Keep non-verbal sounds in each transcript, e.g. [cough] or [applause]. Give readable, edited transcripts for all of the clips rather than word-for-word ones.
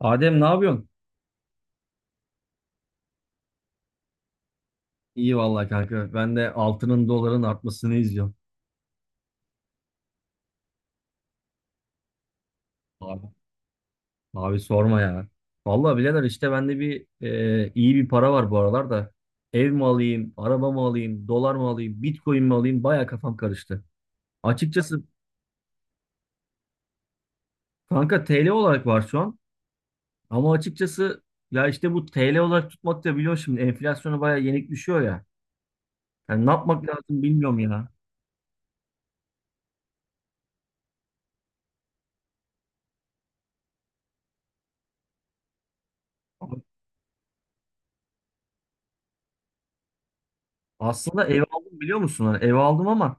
Adem ne yapıyorsun? İyi vallahi kanka. Ben de altının doların artmasını izliyorum. Abi, abi, sorma ya. Vallahi birader işte bende iyi bir para var bu aralar da. Ev mi alayım, araba mı alayım, dolar mı alayım, Bitcoin mi alayım? Baya kafam karıştı. Açıkçası kanka TL olarak var şu an. Ama açıkçası ya işte bu TL olarak tutmak da biliyorsun şimdi enflasyona baya yenik düşüyor ya. Yani ne yapmak lazım bilmiyorum ya. Aslında ev aldım biliyor musun? Hani ev aldım ama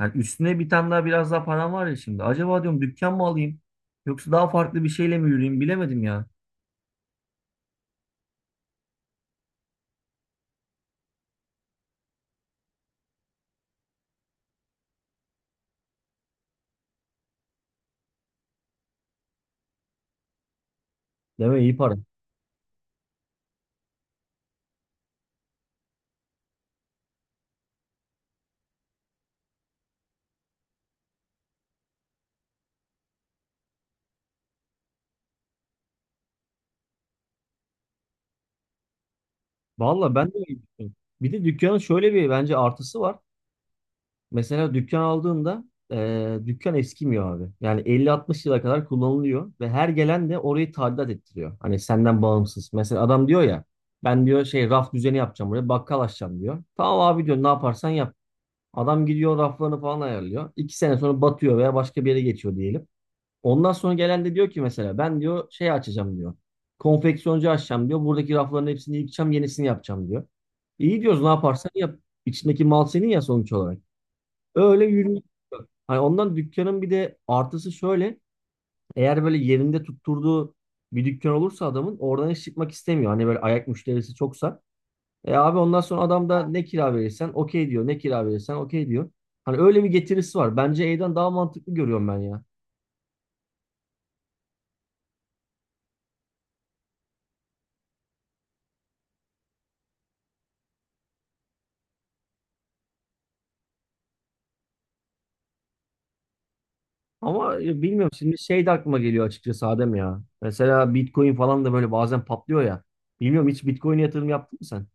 yani üstüne bir tane daha biraz daha param var ya şimdi. Acaba diyorum dükkan mı alayım? Yoksa daha farklı bir şeyle mi yürüyeyim bilemedim ya. Değil mi? İyi para. Valla ben de öyle düşünüyorum. Bir de dükkanın şöyle bir bence artısı var. Mesela dükkan aldığında dükkan eskimiyor abi. Yani 50-60 yıla kadar kullanılıyor ve her gelen de orayı tadilat ettiriyor. Hani senden bağımsız. Mesela adam diyor ya, ben diyor şey raf düzeni yapacağım, buraya bakkal açacağım diyor. Tamam abi diyor, ne yaparsan yap. Adam gidiyor raflarını falan ayarlıyor. 2 sene sonra batıyor veya başka bir yere geçiyor diyelim. Ondan sonra gelen de diyor ki mesela ben diyor şey açacağım diyor. Konfeksiyoncu açacağım diyor. Buradaki rafların hepsini yıkacağım, yenisini yapacağım diyor. İyi diyoruz, ne yaparsan yap. İçindeki mal senin ya sonuç olarak. Öyle yürüyor. Hani ondan dükkanın bir de artısı şöyle. Eğer böyle yerinde tutturduğu bir dükkan olursa adamın oradan hiç çıkmak istemiyor. Hani böyle ayak müşterisi çoksa. E abi ondan sonra adam da ne kira verirsen okey diyor. Ne kira verirsen okey diyor. Hani öyle bir getirisi var. Bence E'den daha mantıklı görüyorum ben ya. Ama bilmiyorum şimdi şey de aklıma geliyor açıkçası Adem ya. Mesela Bitcoin falan da böyle bazen patlıyor ya. Bilmiyorum, hiç Bitcoin'e yatırım yaptın mı sen?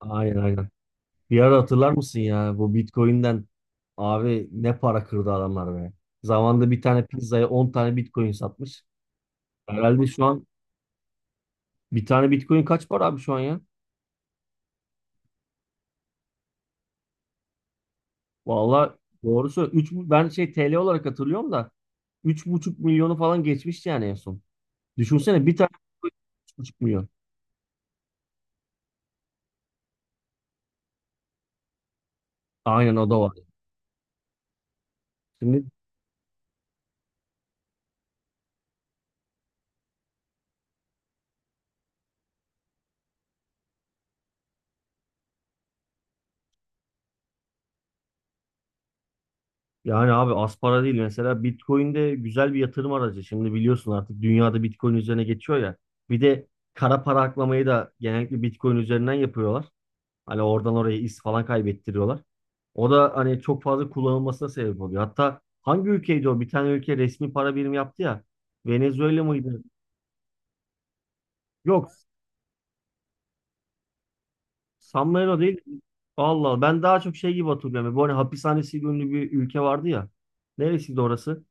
Aynen, aynen. Bir ara hatırlar mısın ya bu Bitcoin'den abi ne para kırdı adamlar be. Zamanında bir tane pizzaya 10 tane Bitcoin satmış. Herhalde şu an bir tane Bitcoin kaç para abi şu an ya? Valla doğrusu ben şey TL olarak hatırlıyorum da 3,5 milyonu falan geçmişti yani en son. Düşünsene bir tane Bitcoin 3,5 milyon. Aynen, o da var. Şimdi. Yani abi az para değil mesela Bitcoin de güzel bir yatırım aracı. Şimdi biliyorsun artık dünyada Bitcoin üzerine geçiyor ya. Bir de kara para aklamayı da genellikle Bitcoin üzerinden yapıyorlar. Hani oradan oraya iz falan kaybettiriyorlar. O da hani çok fazla kullanılmasına sebep oluyor. Hatta hangi ülkeydi o? Bir tane ülke resmi para birimi yaptı ya. Venezuela mıydı? Yok. San Marino değil. Allah Allah. Ben daha çok şey gibi hatırlıyorum. Bu hani hapishanesi ünlü bir ülke vardı ya. Neresiydi orası?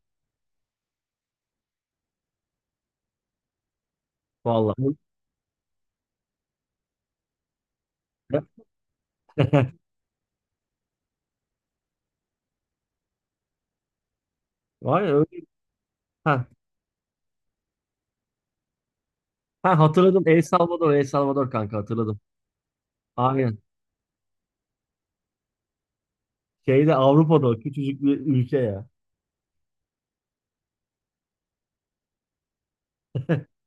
Vallahi. [laughs] Var ya öyle. Heh, Ha, hatırladım. El Salvador, El Salvador kanka hatırladım. Aynen. Şeyde Avrupa'da o küçücük bir ülke ya.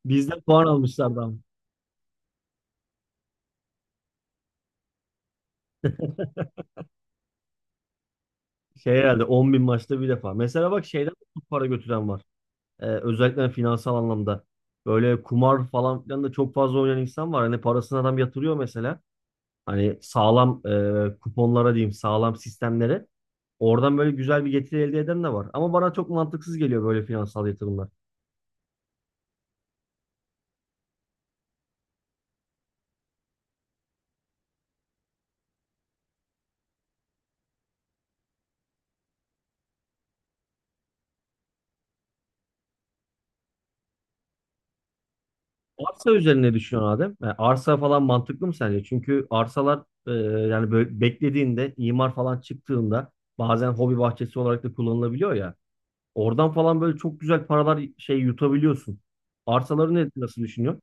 Bizden puan almışlardı ama. Şey herhalde 10 bin maçta bir defa. Mesela bak şeyden de çok para götüren var. Özellikle finansal anlamda. Böyle kumar falan filan da çok fazla oynayan insan var. Hani parasını adam yatırıyor mesela. Hani sağlam kuponlara diyeyim, sağlam sistemlere. Oradan böyle güzel bir getiri elde eden de var. Ama bana çok mantıksız geliyor böyle finansal yatırımlar. Arsa üzerine düşüyorsun Adem. Yani arsa falan mantıklı mı sence? Çünkü arsalar yani böyle beklediğinde imar falan çıktığında bazen hobi bahçesi olarak da kullanılabiliyor ya. Oradan falan böyle çok güzel paralar şey yutabiliyorsun. Arsaları nasıl düşünüyorsun?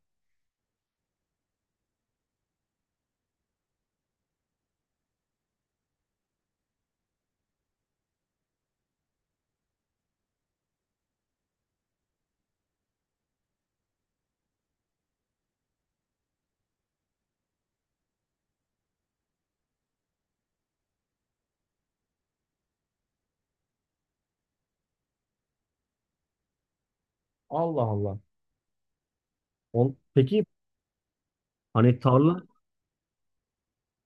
Allah Allah. Peki, hani tarla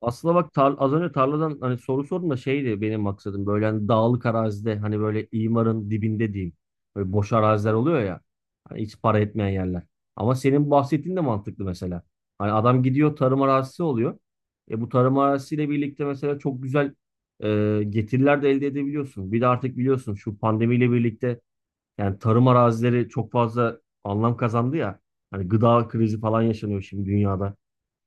Aslında bak az önce tarladan hani soru sordum da şeydi benim maksadım böyle hani dağlık arazide hani böyle imarın dibinde diyeyim. Böyle boş araziler oluyor ya. Hani hiç para etmeyen yerler. Ama senin bahsettiğin de mantıklı mesela. Hani adam gidiyor tarım arazisi oluyor. E bu tarım arazisiyle birlikte mesela çok güzel getiriler de elde edebiliyorsun. Bir de artık biliyorsun şu pandemiyle birlikte yani tarım arazileri çok fazla anlam kazandı ya. Hani gıda krizi falan yaşanıyor şimdi dünyada.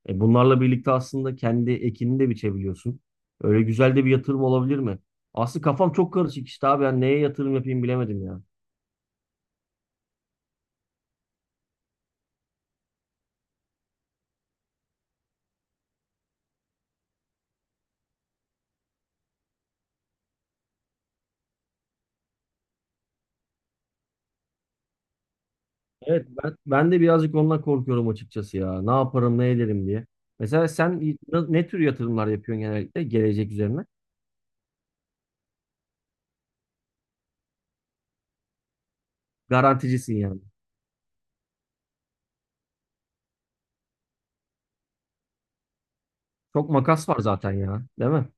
E bunlarla birlikte aslında kendi ekini de biçebiliyorsun. Öyle güzel de bir yatırım olabilir mi? Aslı kafam çok karışık işte abi. Ben neye yatırım yapayım bilemedim ya. Evet, ben de birazcık ondan korkuyorum açıkçası ya. Ne yaparım ne ederim diye. Mesela sen ne tür yatırımlar yapıyorsun genellikle gelecek üzerine? Garanticisin yani. Çok makas var zaten ya, değil mi?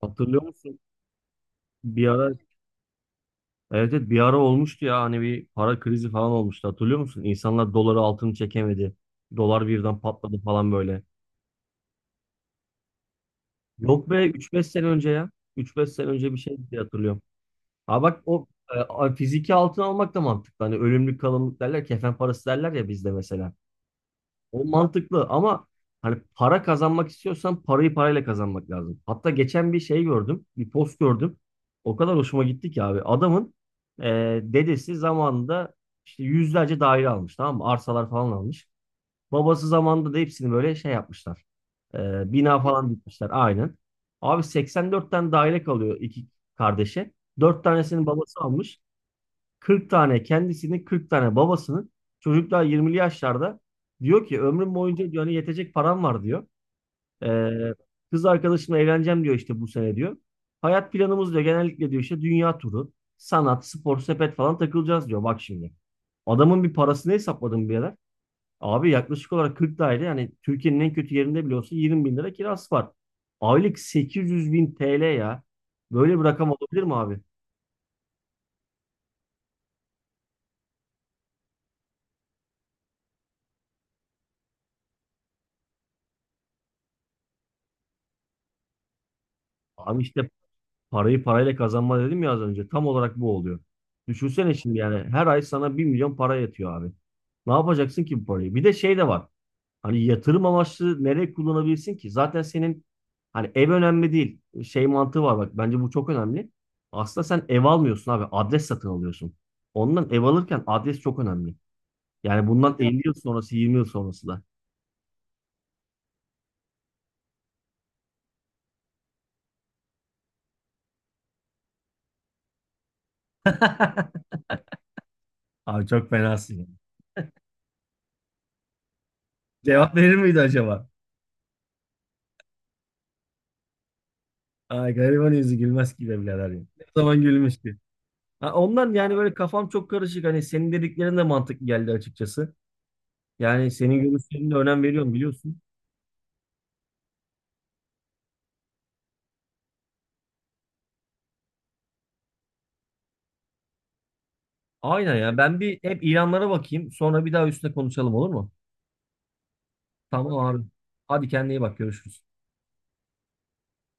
Hatırlıyor musun? Bir ara, evet, evet, bir ara olmuştu ya hani bir para krizi falan olmuştu hatırlıyor musun? İnsanlar doları altını çekemedi. Dolar birden patladı falan böyle. Yok be, üç beş sene önce ya. Üç beş sene önce bir şey diye hatırlıyorum. Ha bak o fiziki altın almak da mantıklı. Hani ölümlük kalımlık derler, kefen parası derler ya bizde mesela. O mantıklı ama hani para kazanmak istiyorsan parayı parayla kazanmak lazım. Hatta geçen bir şey gördüm, bir post gördüm. O kadar hoşuma gitti ki abi. Adamın e, dedesi zamanında işte yüzlerce daire almış, tamam mı? Arsalar falan almış. Babası zamanında da hepsini böyle şey yapmışlar. Bina falan dikmişler aynen. Abi 84 tane daire kalıyor iki kardeşe. Dört tanesinin babası almış. 40 tane kendisini, 40 tane babasını. Çocuklar 20'li yaşlarda, diyor ki ömrüm boyunca diyor, hani yetecek param var diyor. Ee, kız arkadaşımla evleneceğim diyor işte bu sene diyor. Hayat planımız diyor genellikle diyor işte dünya turu, sanat, spor, sepet falan takılacağız diyor. Bak şimdi. Adamın bir parasını hesapladım Abi, yaklaşık olarak 40 daire, yani Türkiye'nin en kötü yerinde bile olsa 20 bin lira kirası var. Aylık 800 bin TL ya. Böyle bir rakam olabilir mi abi? Abi işte parayı parayla kazanma dedim ya az önce. Tam olarak bu oluyor. Düşünsene şimdi yani her ay sana 1 milyon para yatıyor abi. Ne yapacaksın ki bu parayı? Bir de şey de var. Hani yatırım amaçlı nereye kullanabilirsin ki? Zaten senin hani ev önemli değil. Şey mantığı var bak bence bu çok önemli. Aslında sen ev almıyorsun abi, adres satın alıyorsun. Ondan ev alırken adres çok önemli. Yani bundan 50 yıl sonrası 20 yıl sonrası da. [laughs] Abi çok fenasın ya. Cevap verir miydi acaba? Ay gariban yüzü gülmez ki be birader ya. Ne zaman gülmüştü. Ha, ondan yani böyle kafam çok karışık. Hani senin dediklerin de mantıklı geldi açıkçası. Yani senin görüşlerine de önem veriyorum biliyorsun. Aynen ya. Ben bir hep ilanlara bakayım. Sonra bir daha üstüne konuşalım olur mu? Tamam abi. Hadi kendine iyi bak. Görüşürüz.